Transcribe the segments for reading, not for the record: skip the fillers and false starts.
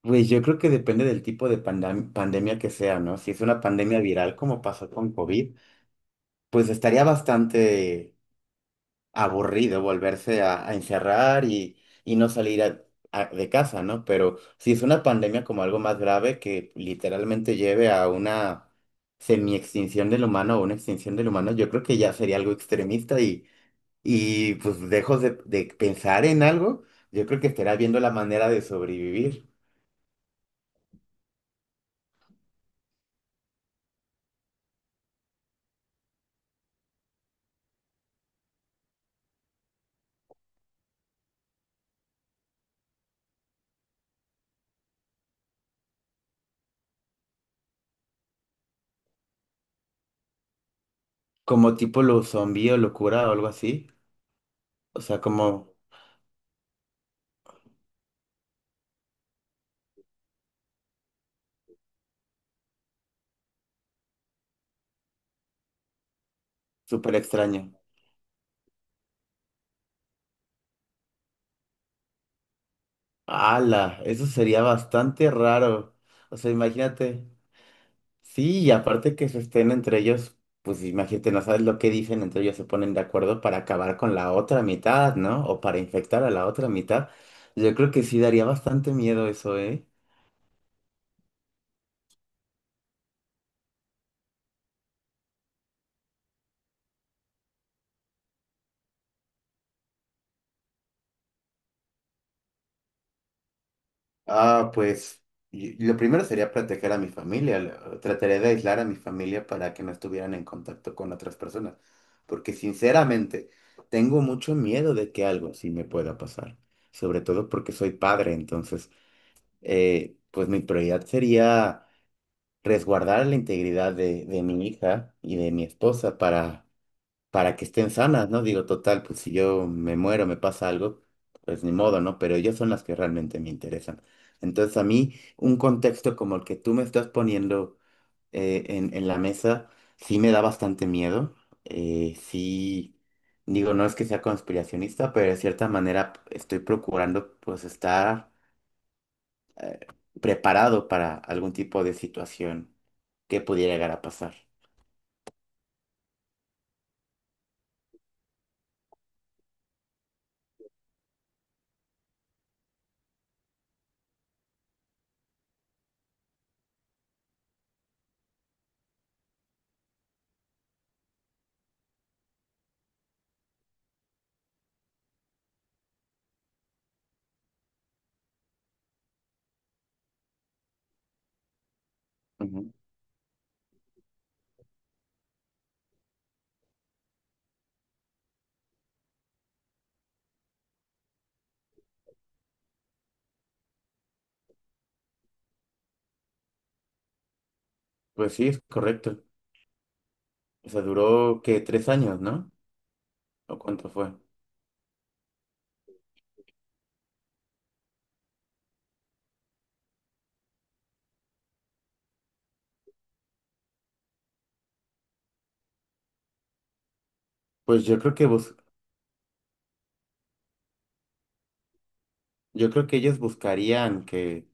Pues yo creo que depende del tipo de pandemia que sea, ¿no? Si es una pandemia viral como pasó con COVID, pues estaría bastante aburrido volverse a encerrar y no de casa, ¿no? Pero si es una pandemia como algo más grave que literalmente lleve a una semi-extinción del humano o una extinción del humano, yo creo que ya sería algo extremista y pues dejo de pensar en algo, yo creo que estará viendo la manera de sobrevivir. Como tipo lo zombie o locura o algo así. O sea, como súper extraño. ¡Hala! Eso sería bastante raro. O sea, imagínate. Sí, y aparte que se estén entre ellos, pues imagínate, no sabes lo que dicen, entre ellos se ponen de acuerdo para acabar con la otra mitad, ¿no? O para infectar a la otra mitad. Yo creo que sí daría bastante miedo eso, ¿eh? Ah, pues y lo primero sería proteger a mi familia. Trataré de aislar a mi familia para que no estuvieran en contacto con otras personas. Porque sinceramente, tengo mucho miedo de que algo sí me pueda pasar. Sobre todo porque soy padre. Entonces, pues mi prioridad sería resguardar la integridad de mi hija y de mi esposa para que estén sanas, ¿no? Digo, total, pues si yo me muero, me pasa algo, pues ni modo, ¿no? Pero ellas son las que realmente me interesan. Entonces, a mí, un contexto como el que tú me estás poniendo en la mesa, sí me da bastante miedo. Sí, digo, no es que sea conspiracionista, pero de cierta manera estoy procurando, pues, estar eh, preparado para algún tipo de situación que pudiera llegar a pasar. Ujú. Pues sí, es correcto. O sea, duró que 3 años, ¿no? ¿O cuánto fue? Pues yo creo que bus- yo creo que ellos buscarían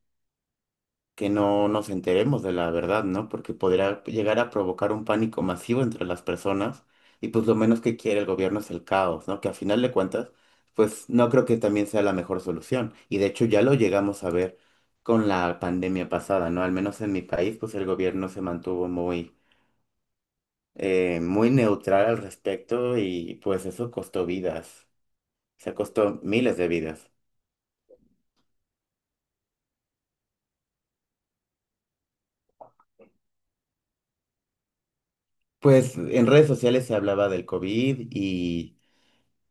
que no nos enteremos de la verdad, ¿no? Porque podría llegar a provocar un pánico masivo entre las personas y pues lo menos que quiere el gobierno es el caos, ¿no? Que a final de cuentas, pues no creo que también sea la mejor solución. Y de hecho ya lo llegamos a ver con la pandemia pasada, ¿no? Al menos en mi país, pues el gobierno se mantuvo muy, muy neutral al respecto y pues eso costó vidas, se costó miles de vidas. Pues en redes sociales se hablaba del COVID y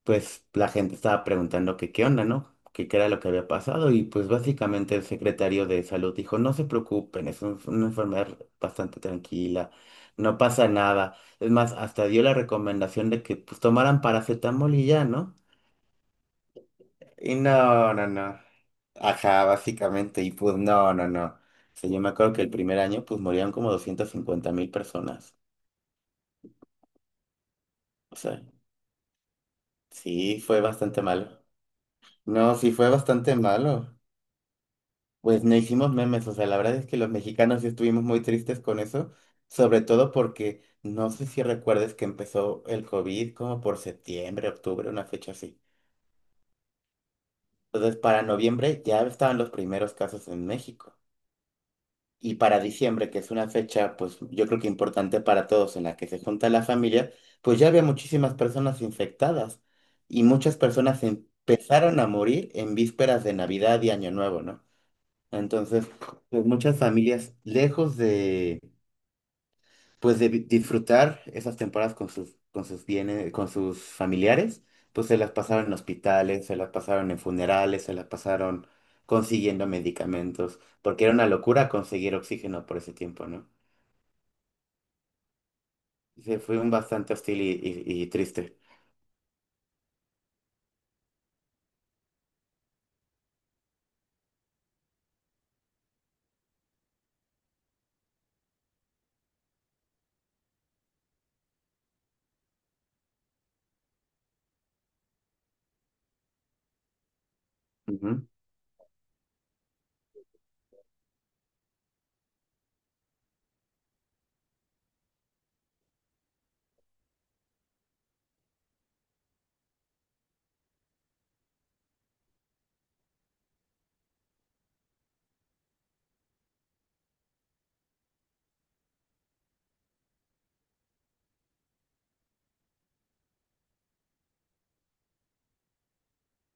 pues la gente estaba preguntando que qué onda, ¿no? Que qué era lo que había pasado y pues básicamente el secretario de salud dijo, no se preocupen, es una enfermedad bastante tranquila, no pasa nada. Es más, hasta dio la recomendación de que pues tomaran paracetamol y ya, ¿no? Y no, no, no. Ajá, básicamente, y pues no, no, no. O sea, yo me acuerdo que el primer año pues morían como 250,000 personas. O sea, sí, fue bastante malo. No, sí fue bastante malo. Pues no hicimos memes, o sea, la verdad es que los mexicanos sí estuvimos muy tristes con eso, sobre todo porque no sé si recuerdes que empezó el COVID como por septiembre, octubre, una fecha así. Entonces, para noviembre ya estaban los primeros casos en México. Y para diciembre, que es una fecha, pues yo creo que importante para todos, en la que se junta la familia, pues ya había muchísimas personas infectadas y muchas personas empezaron a morir en vísperas de Navidad y Año Nuevo, ¿no? Entonces, pues muchas familias, lejos de, disfrutar esas temporadas con sus bienes, con sus familiares, pues se las pasaron en hospitales, se las pasaron en funerales, se las pasaron consiguiendo medicamentos, porque era una locura conseguir oxígeno por ese tiempo, ¿no? Se fue un bastante hostil y, y triste.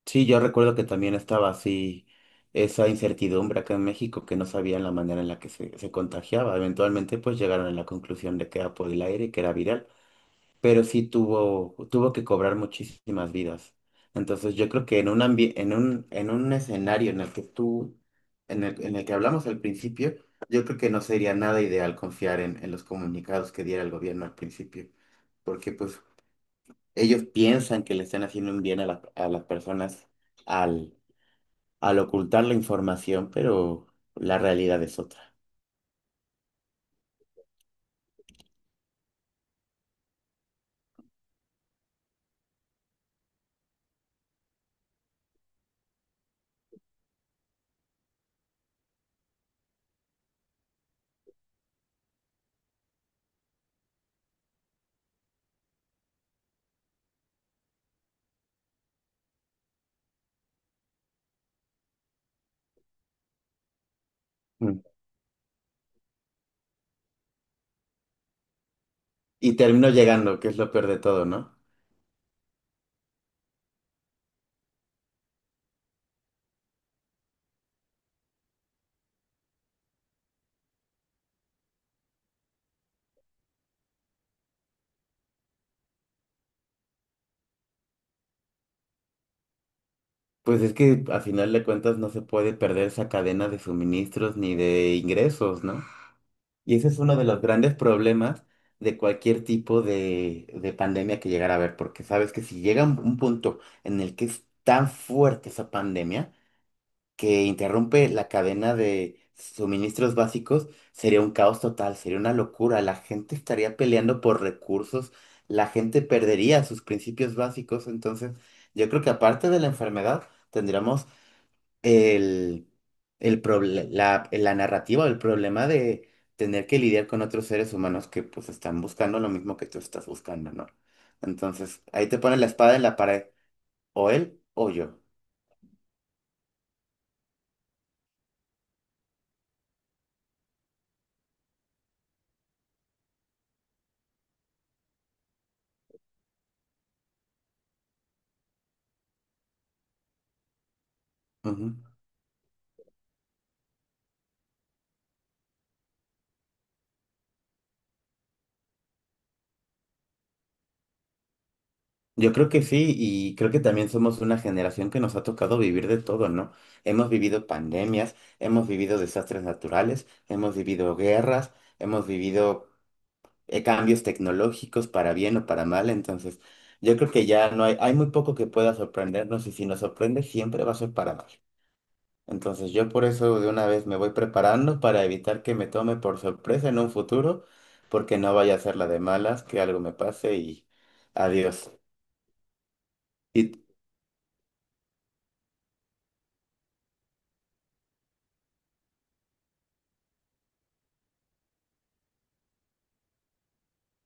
Sí, yo recuerdo que también estaba así esa incertidumbre acá en México que no sabían la manera en la que se contagiaba. Eventualmente pues llegaron a la conclusión de que era por el aire y que era viral, pero sí tuvo, tuvo que cobrar muchísimas vidas. Entonces yo creo que en un escenario en el que tú, en el que hablamos al principio, yo creo que no sería nada ideal confiar en los comunicados que diera el gobierno al principio, porque pues ellos piensan que le están haciendo un bien a las personas al ocultar la información, pero la realidad es otra. Mm. Y termino llegando, que es lo peor de todo, ¿no? Pues es que a final de cuentas no se puede perder esa cadena de suministros ni de ingresos, ¿no? Y ese es uno de los grandes problemas de cualquier tipo de pandemia que llegara a haber, porque sabes que si llega un punto en el que es tan fuerte esa pandemia, que interrumpe la cadena de suministros básicos, sería un caos total, sería una locura. La gente estaría peleando por recursos, la gente perdería sus principios básicos. Entonces, yo creo que aparte de la enfermedad, tendríamos el, la narrativa, el problema de tener que lidiar con otros seres humanos que pues están buscando lo mismo que tú estás buscando, ¿no? Entonces, ahí te pones la espada en la pared, o él o yo. Yo creo que sí, y creo que también somos una generación que nos ha tocado vivir de todo, ¿no? Hemos vivido pandemias, hemos vivido desastres naturales, hemos vivido guerras, hemos vivido cambios tecnológicos para bien o para mal, entonces yo creo que ya no hay, hay muy poco que pueda sorprendernos y si nos sorprende siempre va a ser para mal. Entonces yo por eso de una vez me voy preparando para evitar que me tome por sorpresa en un futuro, porque no vaya a ser la de malas, que algo me pase y adiós. ¿Y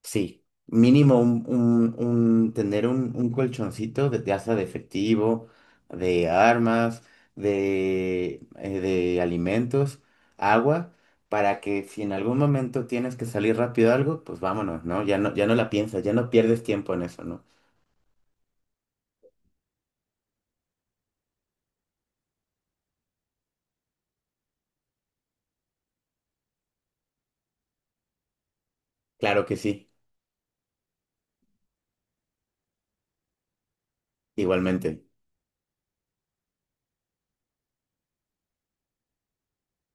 Sí, mínimo un, tener un colchoncito de hasta de efectivo, de armas, de alimentos, agua, para que si en algún momento tienes que salir rápido a algo, pues vámonos, ¿no? Ya no, ya no la piensas, ya no pierdes tiempo en eso, ¿no? Claro que sí, igualmente.